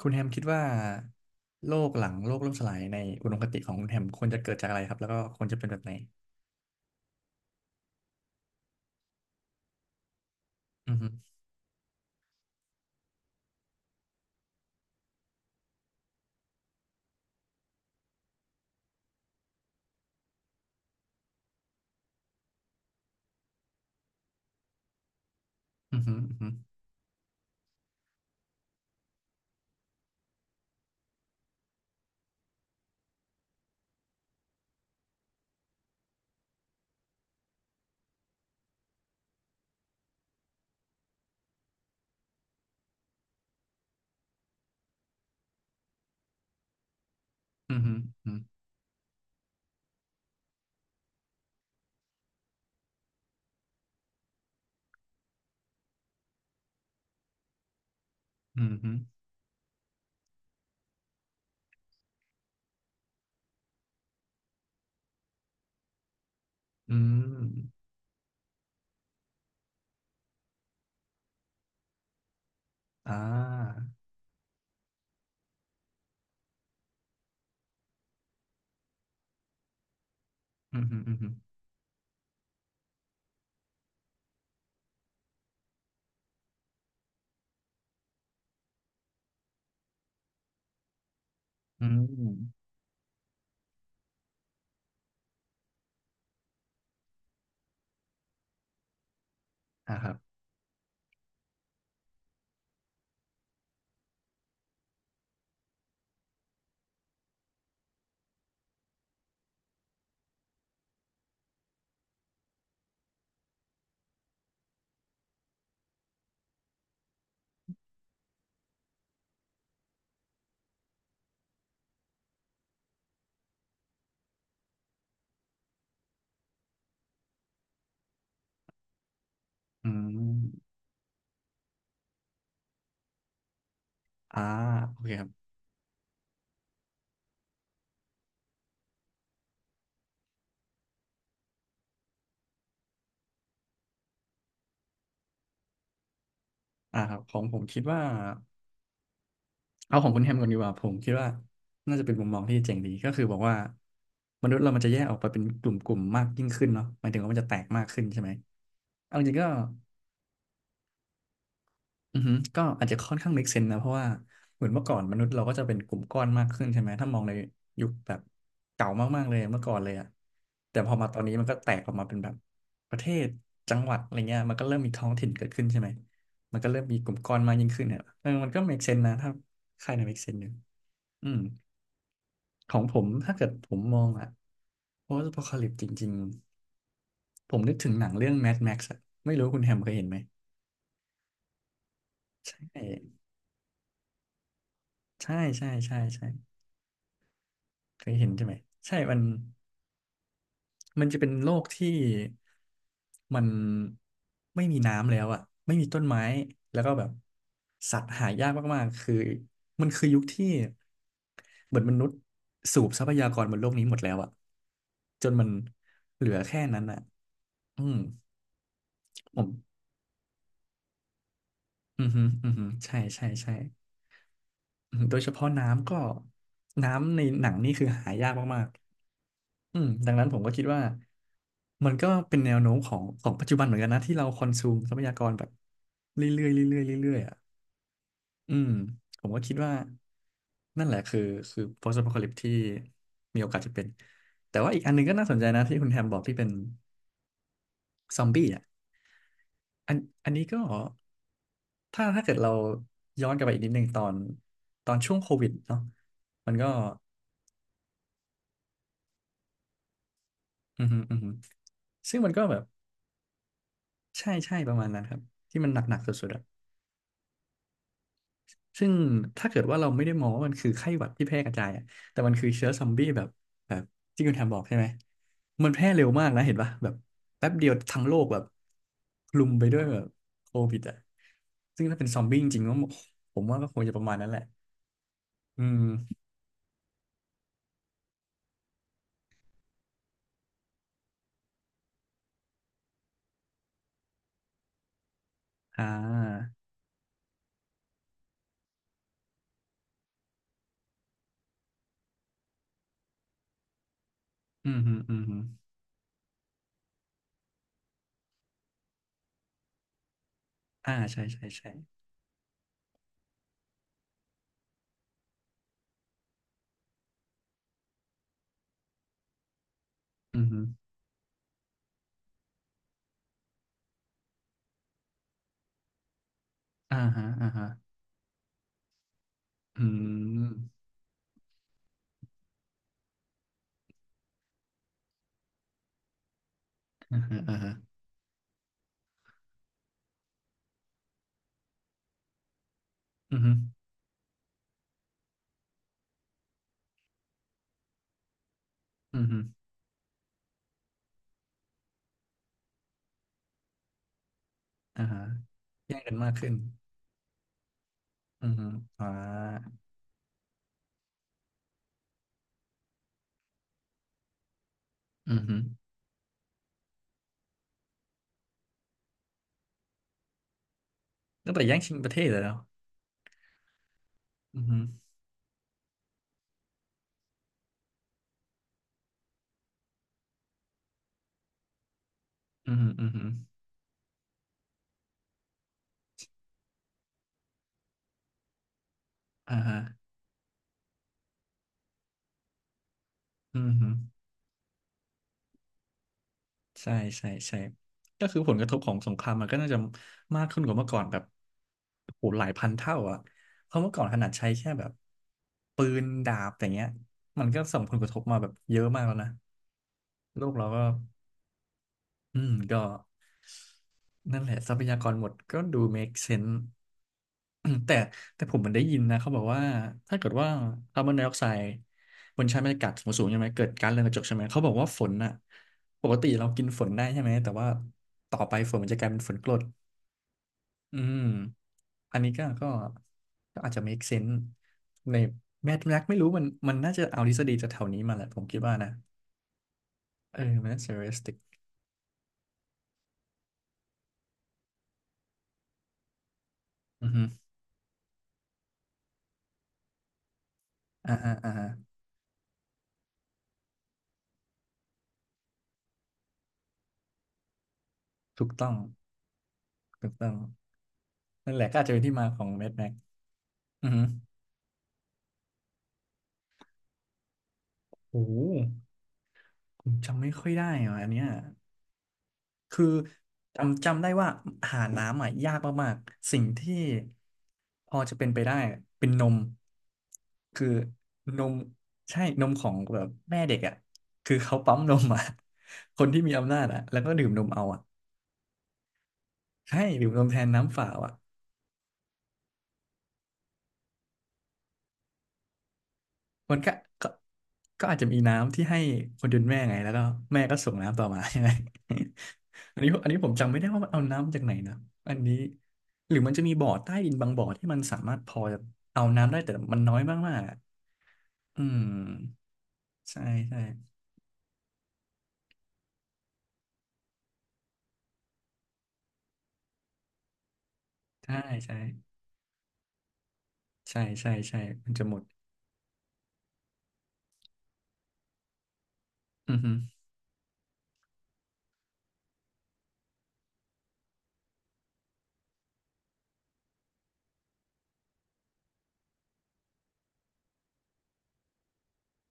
คุณแฮมคิดว่าโลกหลังโลกล่มสลายในอุดมคติของคุณแฮมควรจะเกิดจากอะไรครับแล้วก็ควรจะเป็นแบบไหนอือฮึอือฮึอือฮึอือฮึอือฮึอืมอ่าอือฮึอือฮึอืมอ่าครับอืมอ่าโอเคครับอ่าครับของผมคิดว่า เอาของคุณแฮมก่อนดีกว่าผมคิดว่าน่าจะเป็นมุมมองที่เจ๋งดีก็คือบอกว่ามนุษย์เรามันจะแยกออกไปเป็นกลุ่มๆมากยิ่งขึ้นเนาะหมายถึงว่ามันจะแตกมากขึ้นใช่ไหมเอาจริงๆก็ อือฮึก็อาจจะค่อนข้าง make sense นะเพราะว่าเหมือนเมื่อก่อนมนุษย์เราก็จะเป็นกลุ่มก้อนมากขึ้นใช่ไหมถ้ามองในยุคแบบเก่ามากๆเลยเมื่อก่อนเลยอะแต่พอมาตอนนี้มันก็แตกออกมาเป็นแบบประเทศจังหวัดอะไรเงี้ยมันก็เริ่มมีท้องถิ่นเกิดขึ้นใช่ไหมมันก็เริ่มมีกลุ่มก้อนมากยิ่งขึ้นเนี่ยเออมันก็ make sense นะถ้าใครใน make sense อยู่อืมของผมถ้าเกิดผมมองอะ post apocalypse จริงๆผมนึกถึงหนังเรื่อง Mad Max อะไม่รู้คุณแฮมเคยเห็นไหมใช่ใช่ใช่ใช่ใช่ เคยเห็นใช่ไหมใช่มันมันจะเป็นโลกที่มันไม่มีน้ำแล้วอ่ะไม่มีต้นไม้แล้วก็แบบสัตว์หายากมากๆคือมันคือยุคที่เหมือนมนุษย์สูบทรัพยากรบนโลกนี้หมดแล้วอ่ะจนมันเหลือแค่นั้นอ่ะอืมผมอือฮึอือฮึใช่ใช่ใช่อือฮึโดยเฉพาะน้ำก็น้ำในหนังนี่คือหายากมาก อืมดังนั้นผมก็คิดว่ามันก็เป็นแนวโน้มของของปัจจุบันเหมือนกันนะที่เราคอนซูมทรัพยากรแบบเรื่อยๆเรื่อยๆเรื่อยๆอ่ะอืมผมก็คิดว่านั่นแหละคือ post apocalypse ที่มีโอกาสจะเป็นแต่ว่าอีกอันหนึงก็น่าสนใจนะที่คุณแฮมบอกที่เป็นซอมบี้อ่ะอันอันนี้ก็ถ้าเกิดเราย้อนกลับไปอีกนิดนึงตอนช่วงโควิดเนาะมันก็อืมอหืมออือหือซึ่งมันก็แบบใช่ใช่ประมาณนั้นครับที่มันหนักๆสุดๆอะ ซึ่งถ้าเกิดว่าเราไม่ได้มองว่ามันคือไข้หวัดที่แพร่กระจายอะแต่มันคือเชื้อซอมบี้แบบที่คุณแทมบอกใช่ไหมมันแพร่เร็วมากนะเห็นปะแบบแป๊บเดียวทั้งโลกแบบคลุมไปด้วยแบบโควิดอ่ะซึ่งถ้าเป็นซอมบี้จริงๆก็ผมว่าก็คงจะประมาณนั้นแหละอืมอ่าอืมฮึอืมฮึอ่าใช่ใช่ใช่อืมฮึอ่าฮะอ่าฮะอืมอ่าฮะอ่าฮะอืมฮึอืมฮึอ่าฮะแย่งกันมากขึ้นอืมฮึอ่าอืมฮึ ตั้งแต่แย่งชิงประเทศเลยแล้วอือฮึอือฮึอือฮึอ่าฮะอือฮึใช่ใช่ใช่ก็คือผลกระทบของสงครามมันก็น่าจะมากขึ้นกว่าเมื่อก่อนแบบโหหลายพันเท่าอ่ะเพราะเมื่อก่อนขนาดใช้แค่แบบปืนดาบอย่างเงี้ยมันก็ส่งผลกระทบมาแบบเยอะมากแล้วนะโลกเราก็อืมก็นั่นแหละทรัพยากรหมดก็ดู make sense แต่แต่ผมมันได้ยินนะเขาบอกว่าถ้าเกิดว่าคาร์บอนไดออกไซด์บนชั้นบรรยากาศสูงสูงใช่ไหมเกิดก๊าซเรือนกระจกใช่ไหมเขาบอกว่าฝนอ่ะปกติเรากินฝนได้ใช่ไหมแต่ว่าต่อไปฝนมันจะกลายเป็นฝนกรดอืมอันนี้ก็ก็อาจจะ make sense ในแมทแม็กไม่รู้มันมันน่าจะเอาทฤษฎีจากแถวนี้มาแหละผมคิดว่านะเออมันน่าจะ realistic อือฮึอ่าอ่าอ่าถูกต้องถูกต้องนั่นแหละก็อาจจะเป็นที่มาของแมทแม็กอือฮึโอ้โห ผมจำไม่ค่อยได้อ่ะอันเนี้ยคือจำจำได้ว่าหาน้ำอ่ะยากมากๆสิ่งที่พอจะเป็นไปได้เป็นนมคือนมใช่นมของแบบแม่เด็กอ่ะคือเขาปั๊มนมอ่ะ คนที่มีอำนาจอ่ะแล้วก็ดื่มนมเอาอ่ะใช่ดื่มนมแทนน้ำเปล่าอ่ะ มันก็ก็ก็อาจจะมีน้ำที่ให้คนจนแม่ไงแล้วก็แม่ก็ส่งน้ำต่อมา ใช่ไหม อันนี้ผมจำไม่ได้ว่ามันเอาน้ำจากไหนนะอันนี้หรือมันจะมีบ่อใต้ดินบางบ่อที่มันสามารถพอจะเอาน้ำได้แต่มันน้อยมากๆอะอืมใช่ใช่ใช่ใช่ใช่ใช่ใช่มันจะหมดอือฮึ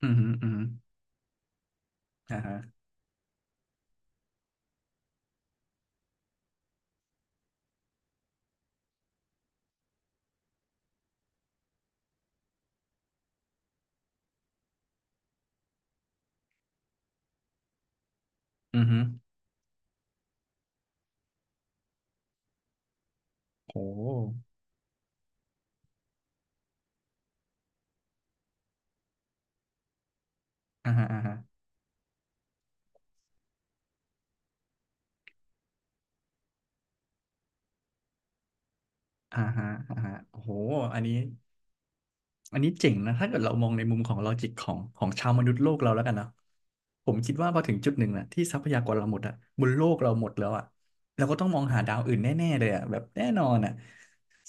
อือฮึอือฮึอ่าฮะอือฮึโหอ่าฮะอ่าฮะอ่าฮะอ่าฮะโอ้โหอันนี้ อันนี้เจ๋งนะถ้าเกิดเรามองในมุมของลอจิกของของชาวมนุษย์โลกเราแล้วกันเนาะผมคิดว่าพอถึงจุดหนึ่งนะที่ทรัพยากรเราหมดอะบนโลกเราหมดแล้วอะเราก็ต้องมองหาดาวอื่นแน่ๆเลยอะแบบแน่นอนอะ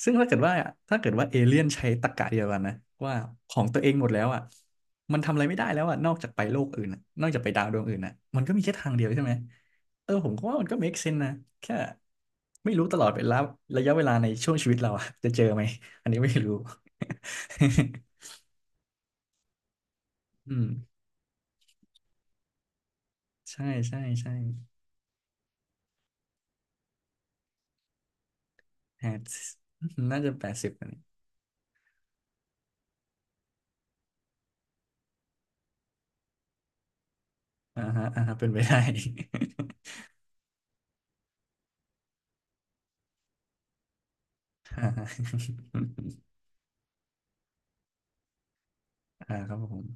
ซึ่งถ้าเกิดว่าเอเลี่ยนใช้ตรรกะเดียวกันนะว่าของตัวเองหมดแล้วอะมันทำอะไรไม่ได้แล้วอะนอกจากไปโลกอื่นอะนอกจากไปดาวดวงอื่นอะมันก็มีแค่ทางเดียวใช่ไหมเออผมก็ว่ามันก็ make sense นะแค่ไม่รู้ตลอดเวลาระยะเวลาในช่วงชีวิตเราอะจะเจอไหมอันนี้ไม่รู้ อืมใช่ใช่ใช่แปดน่าจะ80นะเนี่ยอ่าฮะอ่าฮะเป็นไปได้ อ่าฮะ อ่าครับผม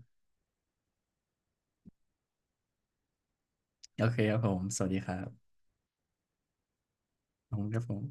โอเคครับผมสวัสดีครับผมครับผม